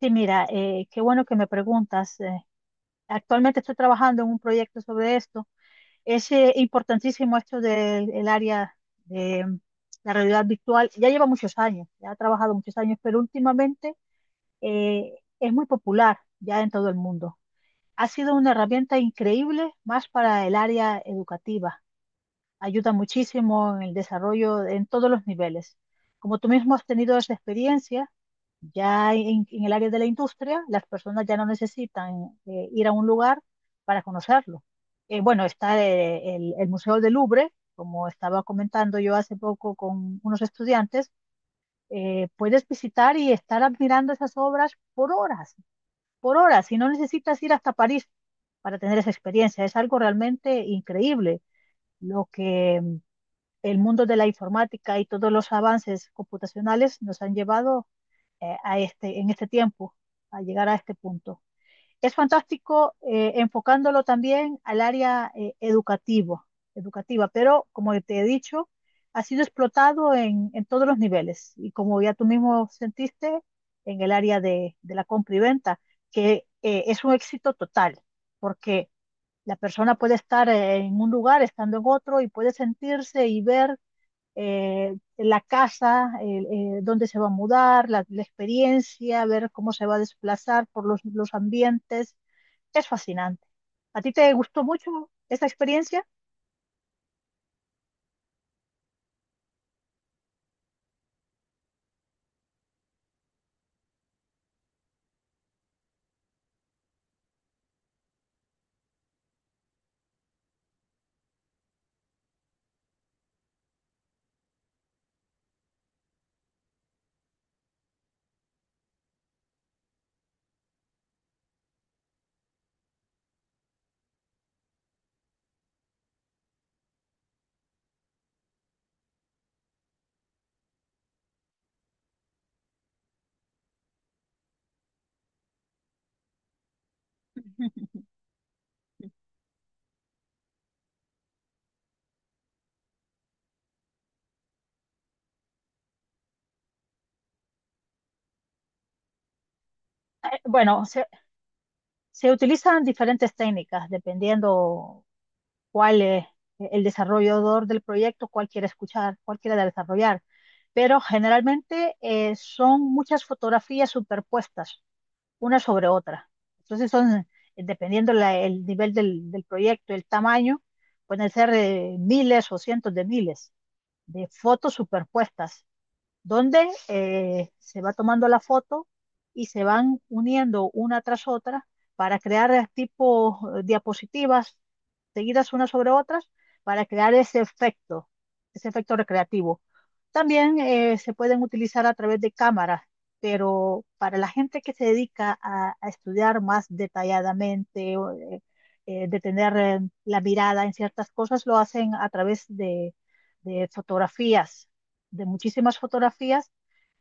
Sí, mira, qué bueno que me preguntas. Actualmente estoy trabajando en un proyecto sobre esto. Es importantísimo esto del el área de la realidad virtual. Ya lleva muchos años, ya ha trabajado muchos años, pero últimamente eh, es muy popular ya en todo el mundo. Ha sido una herramienta increíble más para el área educativa, ayuda muchísimo en el desarrollo en todos los niveles. Como tú mismo has tenido esa experiencia, ya en el área de la industria, las personas ya no necesitan ir a un lugar para conocerlo. Bueno, está el Museo del Louvre, como estaba comentando yo hace poco con unos estudiantes, puedes visitar y estar admirando esas obras por horas, y no necesitas ir hasta París para tener esa experiencia. Es algo realmente increíble lo que el mundo de la informática y todos los avances computacionales nos han llevado, a este, en este tiempo, a llegar a este punto. Es fantástico, enfocándolo también al área educativa, pero como te he dicho, ha sido explotado todos los niveles y como ya tú mismo sentiste, en el área de la compra y venta, que es un éxito total, porque la persona puede estar en un lugar, estando en otro, y puede sentirse y ver la casa, dónde se va a mudar, experiencia, ver cómo se va a desplazar por los ambientes. Es fascinante. ¿A ti te gustó mucho esa experiencia? Bueno, utilizan diferentes técnicas dependiendo cuál es el desarrollador del proyecto, cuál quiere escuchar, cuál quiere desarrollar. Pero generalmente son muchas fotografías superpuestas una sobre otra. Entonces son, dependiendo el nivel del proyecto, el tamaño, pueden ser miles o cientos de miles de fotos superpuestas, donde se va tomando la foto y se van uniendo una tras otra para crear tipo diapositivas seguidas unas sobre otras para crear ese efecto recreativo. También se pueden utilizar a través de cámaras, pero para la gente que se dedica a estudiar más detalladamente, o, detener la mirada en ciertas cosas, lo hacen a través de fotografías, de muchísimas fotografías,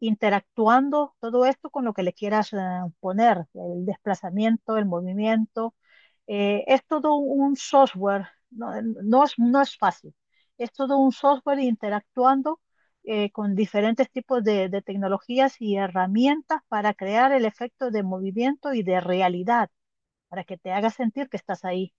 interactuando todo esto con lo que le quieras poner, el desplazamiento, el movimiento. Es todo un software, no es fácil, es todo un software interactuando con diferentes tipos de tecnologías y herramientas para crear el efecto de movimiento y de realidad, para que te haga sentir que estás ahí.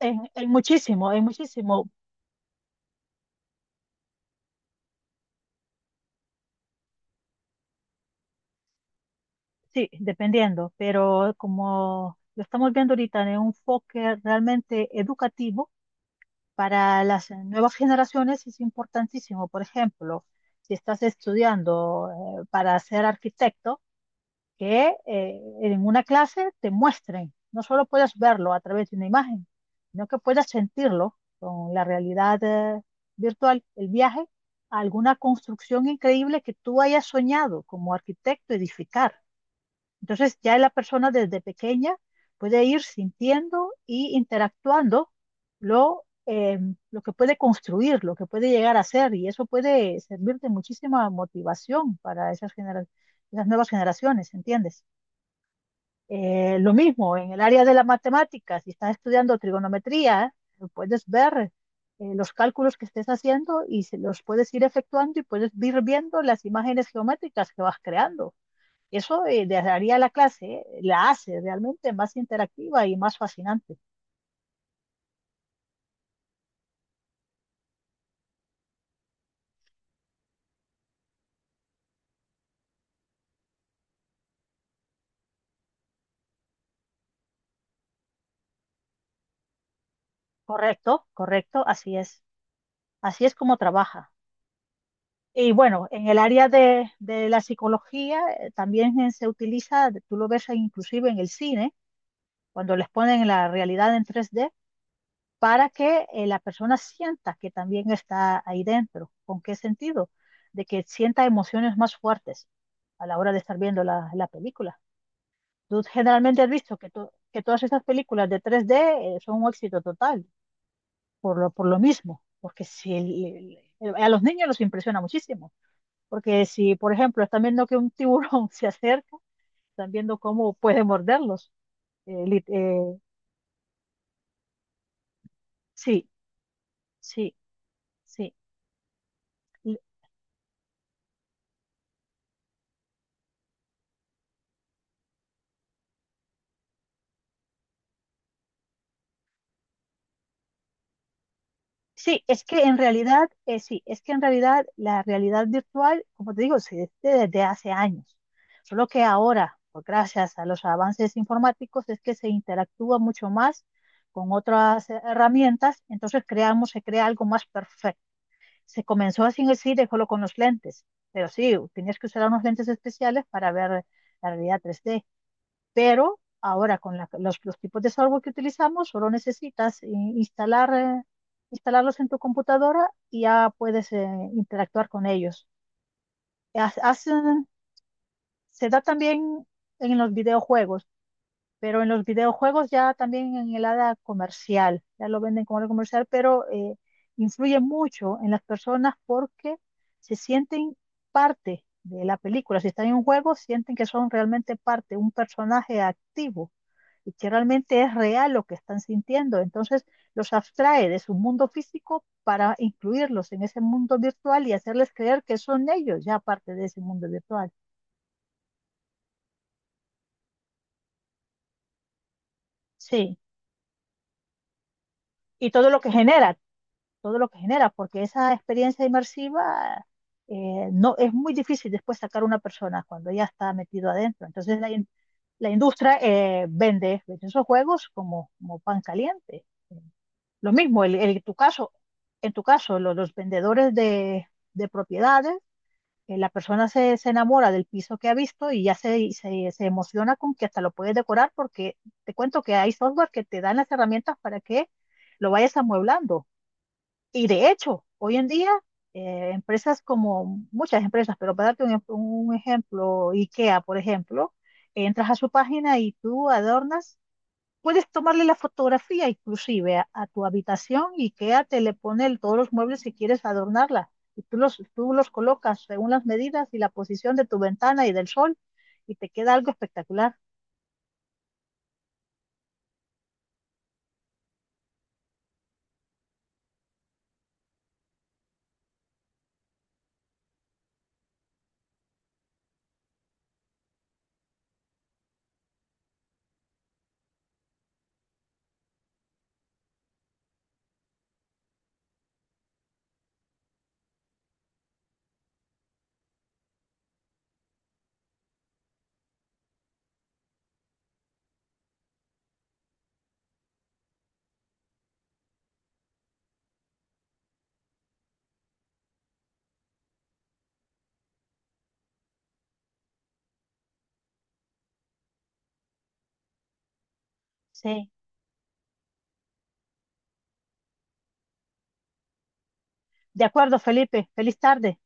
En muchísimo, en muchísimo. Sí, dependiendo, pero como lo estamos viendo ahorita en un enfoque realmente educativo para las nuevas generaciones es importantísimo. Por ejemplo, si estás estudiando para ser arquitecto, que en una clase te muestren, no solo puedas verlo a través de una imagen, sino que puedas sentirlo con la realidad virtual, el viaje a alguna construcción increíble que tú hayas soñado como arquitecto edificar. Entonces ya la persona desde pequeña puede ir sintiendo y interactuando lo, eh, lo que puede construir, lo que puede llegar a ser, y eso puede servir de muchísima motivación para esas nuevas generaciones, ¿entiendes? Lo mismo en el área de la matemática, si estás estudiando trigonometría, puedes ver los cálculos que estés haciendo y se los puedes ir efectuando y puedes ir viendo las imágenes geométricas que vas creando. Eso haría la clase, la hace realmente más interactiva y más fascinante. Correcto, correcto, así es. Así es como trabaja. Y bueno, en el área de la psicología también se utiliza, tú lo ves inclusive en el cine, cuando les ponen la realidad en tres d para que la persona sienta que también está ahí dentro. ¿Con qué sentido? De que sienta emociones más fuertes a la hora de estar viendo la película. Tú generalmente has visto que, que todas esas películas de 3D son un éxito total, por lo mismo, porque si a los niños los impresiona muchísimo, porque si, por ejemplo, están viendo que un tiburón se acerca, están viendo cómo puede morderlos. Eh, lit- eh, sí, sí, sí. Sí, es que en realidad, sí, es que en realidad la realidad virtual, como te digo, se existe desde hace años. Solo que ahora, pues, gracias a los avances informáticos, es que se interactúa mucho más con otras herramientas, entonces se crea algo más perfecto. Se comenzó así en el cine solo con los lentes, pero sí, tenías que usar unos lentes especiales para ver la realidad 3D. Pero ahora con los tipos de software que utilizamos, solo necesitas instalar, instalarlos en tu computadora y ya puedes interactuar con ellos. Haz- hacen- Se da también en los videojuegos, pero en los videojuegos ya también en el área comercial, ya lo venden como área comercial, pero influye mucho en las personas porque se sienten parte de la película. Si están en un juego, sienten que son realmente parte, un personaje activo y que realmente es real lo que están sintiendo. Entonces los abstrae de su mundo físico para incluirlos en ese mundo virtual y hacerles creer que son ellos ya parte de ese mundo virtual. Sí, y todo lo que genera, todo lo que genera, porque esa experiencia inmersiva, no es muy difícil después sacar a una persona cuando ya está metido adentro. Entonces la industria vende esos juegos como, como pan caliente. Lo mismo, tu caso, en tu caso, los vendedores de propiedades, la persona se enamora del piso que ha visto y ya se emociona con que hasta lo puedes decorar porque te cuento que hay software que te dan las herramientas para que lo vayas amueblando. Y de hecho, hoy en día, empresas como muchas empresas, pero para darte un, un ejemplo, IKEA, por ejemplo, entras a su página y tú adornas. Puedes tomarle la fotografía inclusive a tu habitación y Ikea te le pone todos los muebles si quieres adornarla. Y tú los colocas según las medidas y la posición de tu ventana y del sol y te queda algo espectacular. Sí. De acuerdo, Felipe. Feliz tarde.